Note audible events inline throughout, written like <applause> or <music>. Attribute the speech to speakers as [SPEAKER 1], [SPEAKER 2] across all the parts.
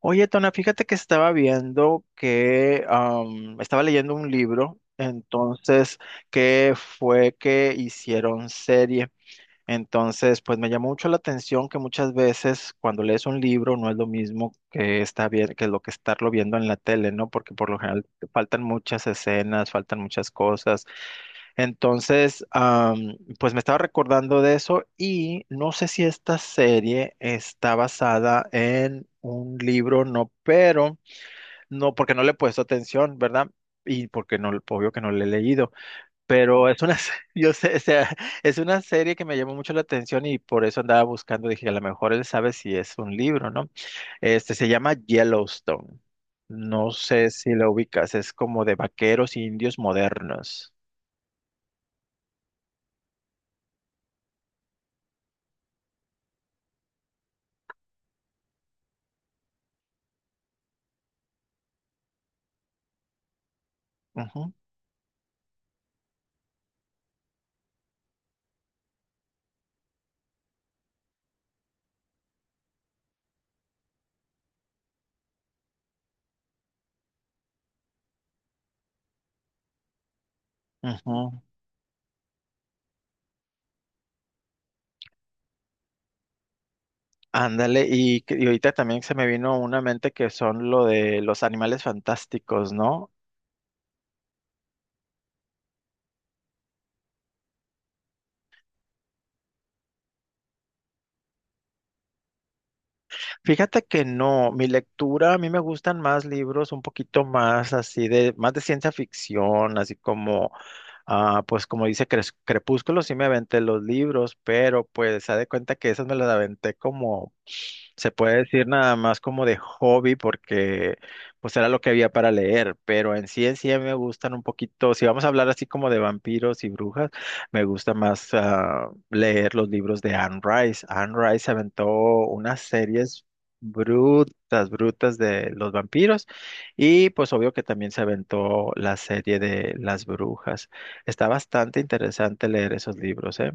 [SPEAKER 1] Oye, Tona, fíjate que estaba viendo que estaba leyendo un libro, entonces, que fue que hicieron serie. Entonces, pues me llamó mucho la atención que muchas veces cuando lees un libro no es lo mismo que está bien, que lo que estarlo viendo en la tele, ¿no? Porque por lo general faltan muchas escenas, faltan muchas cosas, entonces, pues me estaba recordando de eso y no sé si esta serie está basada en un libro, no, pero no, porque no le he puesto atención, ¿verdad? Y porque no, obvio que no le he leído, pero es una, <laughs> yo sé, o sea, es una serie que me llamó mucho la atención y por eso andaba buscando, dije, a lo mejor él sabe si es un libro, ¿no? Este se llama Yellowstone. No sé si lo ubicas, es como de vaqueros indios modernos. Ujú, ujú. Ándale, y, y ahorita también se me vino una mente que son lo de los animales fantásticos, ¿no? Fíjate que no, mi lectura, a mí me gustan más libros un poquito más así de, más de ciencia ficción, así como, ah, pues como dice Crepúsculo, sí me aventé los libros, pero pues se de cuenta que esos me los aventé como se puede decir nada más como de hobby porque pues era lo que había para leer, pero en sí a mí me gustan un poquito, si vamos a hablar así como de vampiros y brujas, me gusta más leer los libros de Anne Rice. Anne Rice aventó unas series brutas, brutas de los vampiros y pues obvio que también se aventó la serie de las brujas. Está bastante interesante leer esos libros, ¿eh?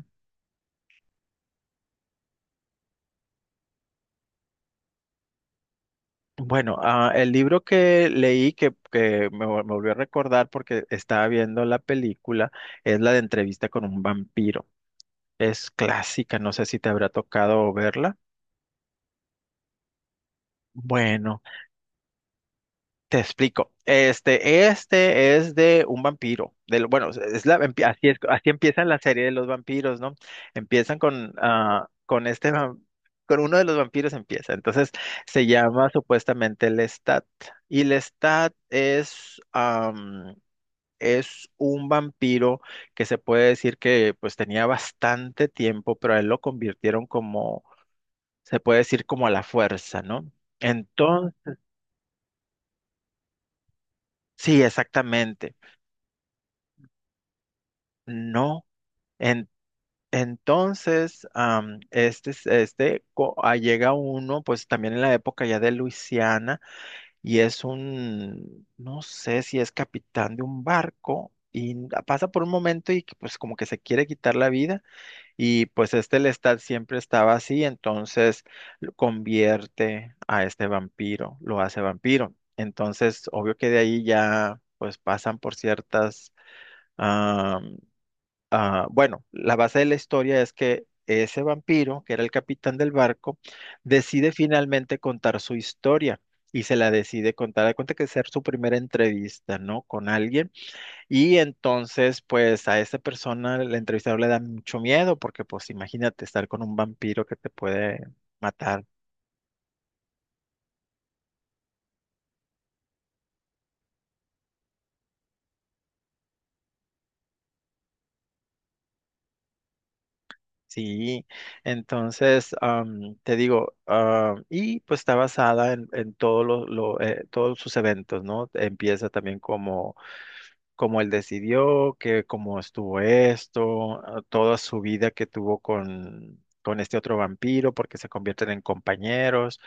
[SPEAKER 1] Bueno, ah, el libro que leí que me volvió a recordar porque estaba viendo la película es la de Entrevista con un vampiro. Es clásica, no sé si te habrá tocado verla. Bueno, te explico. Este es de un vampiro. Del, bueno, es la, así es, así empieza la serie de los vampiros, ¿no? Empiezan con, ah, con este, con uno de los vampiros empieza. Entonces se llama supuestamente Lestat. Y Lestat es un vampiro que se puede decir que pues tenía bastante tiempo, pero a él lo convirtieron como, se puede decir como a la fuerza, ¿no? Entonces, sí, exactamente. No. En- entonces, am, este, es- este co- ah, llega uno, pues también en la época ya de Luisiana, y es un, no sé si es capitán de un barco, y pasa por un momento y que, pues como que se quiere quitar la vida. Y pues este Lestat siempre estaba así, entonces lo convierte a este vampiro, lo hace vampiro. Entonces, obvio que de ahí ya pues pasan por ciertas... ah, bueno, la base de la historia es que ese vampiro, que era el capitán del barco, decide finalmente contar su historia y se la decide contar. Da cuenta que ser su primera entrevista, ¿no? Con alguien y entonces, pues a esa persona, el entrevistador le da mucho miedo porque, pues imagínate estar con un vampiro que te puede matar. Sí, entonces, te digo, ah, y pues está basada en todo todos sus eventos, ¿no? Empieza también como, como él decidió, que cómo estuvo esto, ah, toda su vida que tuvo con este otro vampiro, porque se convierten en compañeros.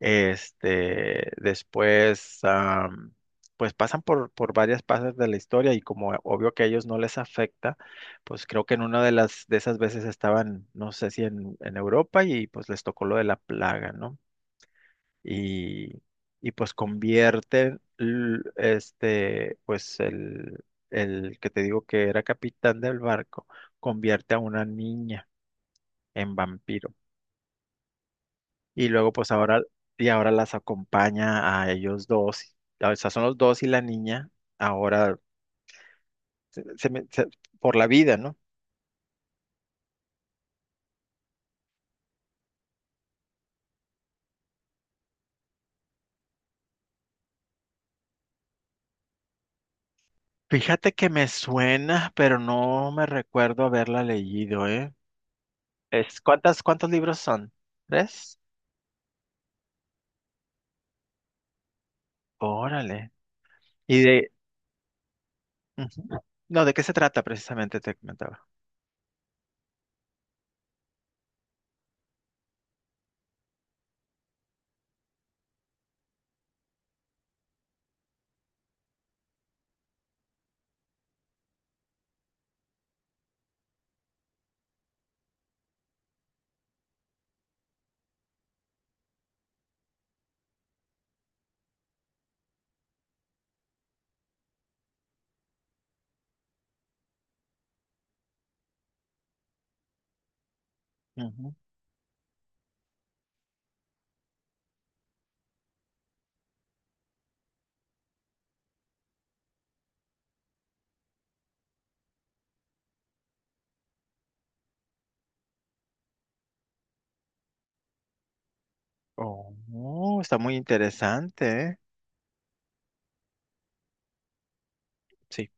[SPEAKER 1] Este, después, pues pasan por varias fases de la historia y como obvio que a ellos no les afecta, pues creo que en una de las de esas veces estaban, no sé si en, en Europa y pues les tocó lo de la plaga, ¿no? Y, y pues convierten este, pues el que te digo que era capitán del barco, convierte a una niña en vampiro. Y luego, pues ahora, y ahora las acompaña a ellos dos. O sea, son los dos y la niña ahora se- se me- se- por la vida, ¿no? Fíjate que me suena, pero no me recuerdo haberla leído, ¿eh? Es, ¿cuántas, cuántos libros son? ¿Tres? Órale. Y de... ujú. No, ¿de qué se trata precisamente? Te comentaba. Ujú. Oh, está muy interesante, ¿eh? Sí.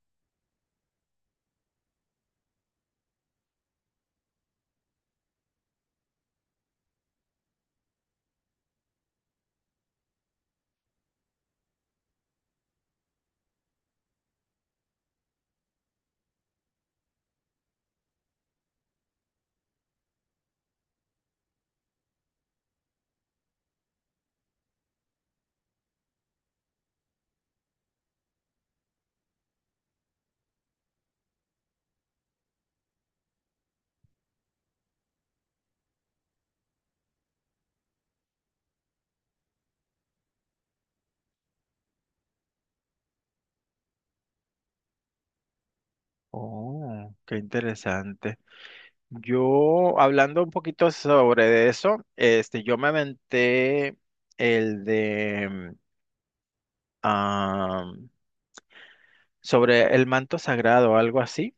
[SPEAKER 1] Oh, qué interesante. Yo, hablando un poquito sobre eso, este, yo me aventé el de ah, sobre el manto sagrado, algo así,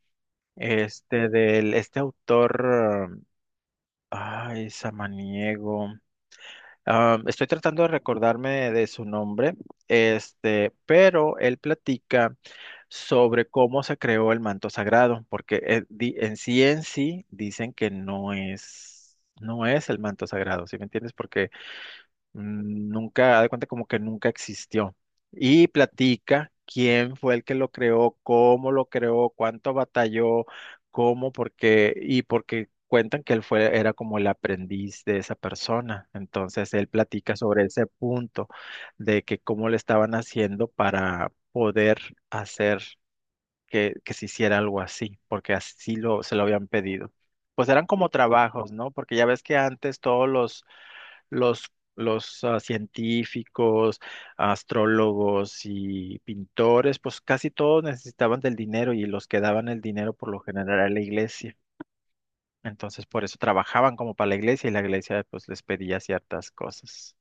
[SPEAKER 1] este, del, este autor, ah, ay, Samaniego. Am, estoy tratando de recordarme de su nombre, este, pero él platica sobre cómo se creó el manto sagrado, porque en sí dicen que no es, no es el manto sagrado, ¿sí me entiendes? Porque nunca, haz de cuenta como que nunca existió. Y platica quién fue el que lo creó, cómo lo creó, cuánto batalló, cómo, por qué, y porque cuentan que él fue, era como el aprendiz de esa persona. Entonces él platica sobre ese punto de que cómo le estaban haciendo para poder hacer que se hiciera algo así, porque así lo, se lo habían pedido. Pues eran como trabajos, ¿no? Porque ya ves que antes todos los, los científicos, astrólogos y pintores, pues casi todos necesitaban del dinero y los que daban el dinero por lo general a la iglesia. Entonces por eso trabajaban como para la iglesia y la iglesia pues les pedía ciertas cosas.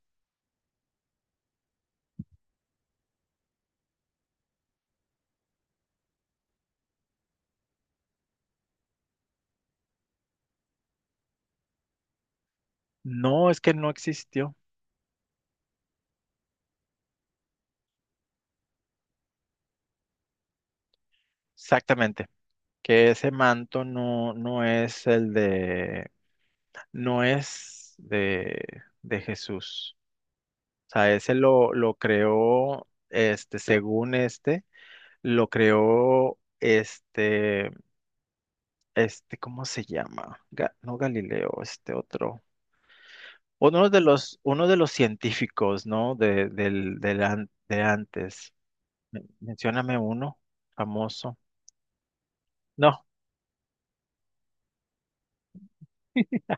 [SPEAKER 1] No, es que no existió. Exactamente. Que ese manto no, no es el de, no es de Jesús. O sea, ese lo creó, este, según este, lo creó este, este, ¿cómo se llama? No Galileo, este otro. Uno de los científicos, ¿no? De, del, de antes. Mencióname uno famoso. No, <laughs>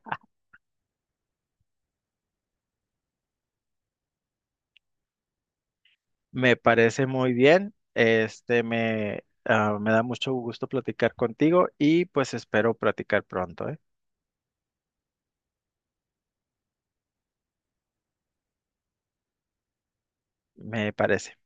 [SPEAKER 1] me parece muy bien. Este, me, me da mucho gusto platicar contigo y pues espero platicar pronto, ¿eh? Me parece.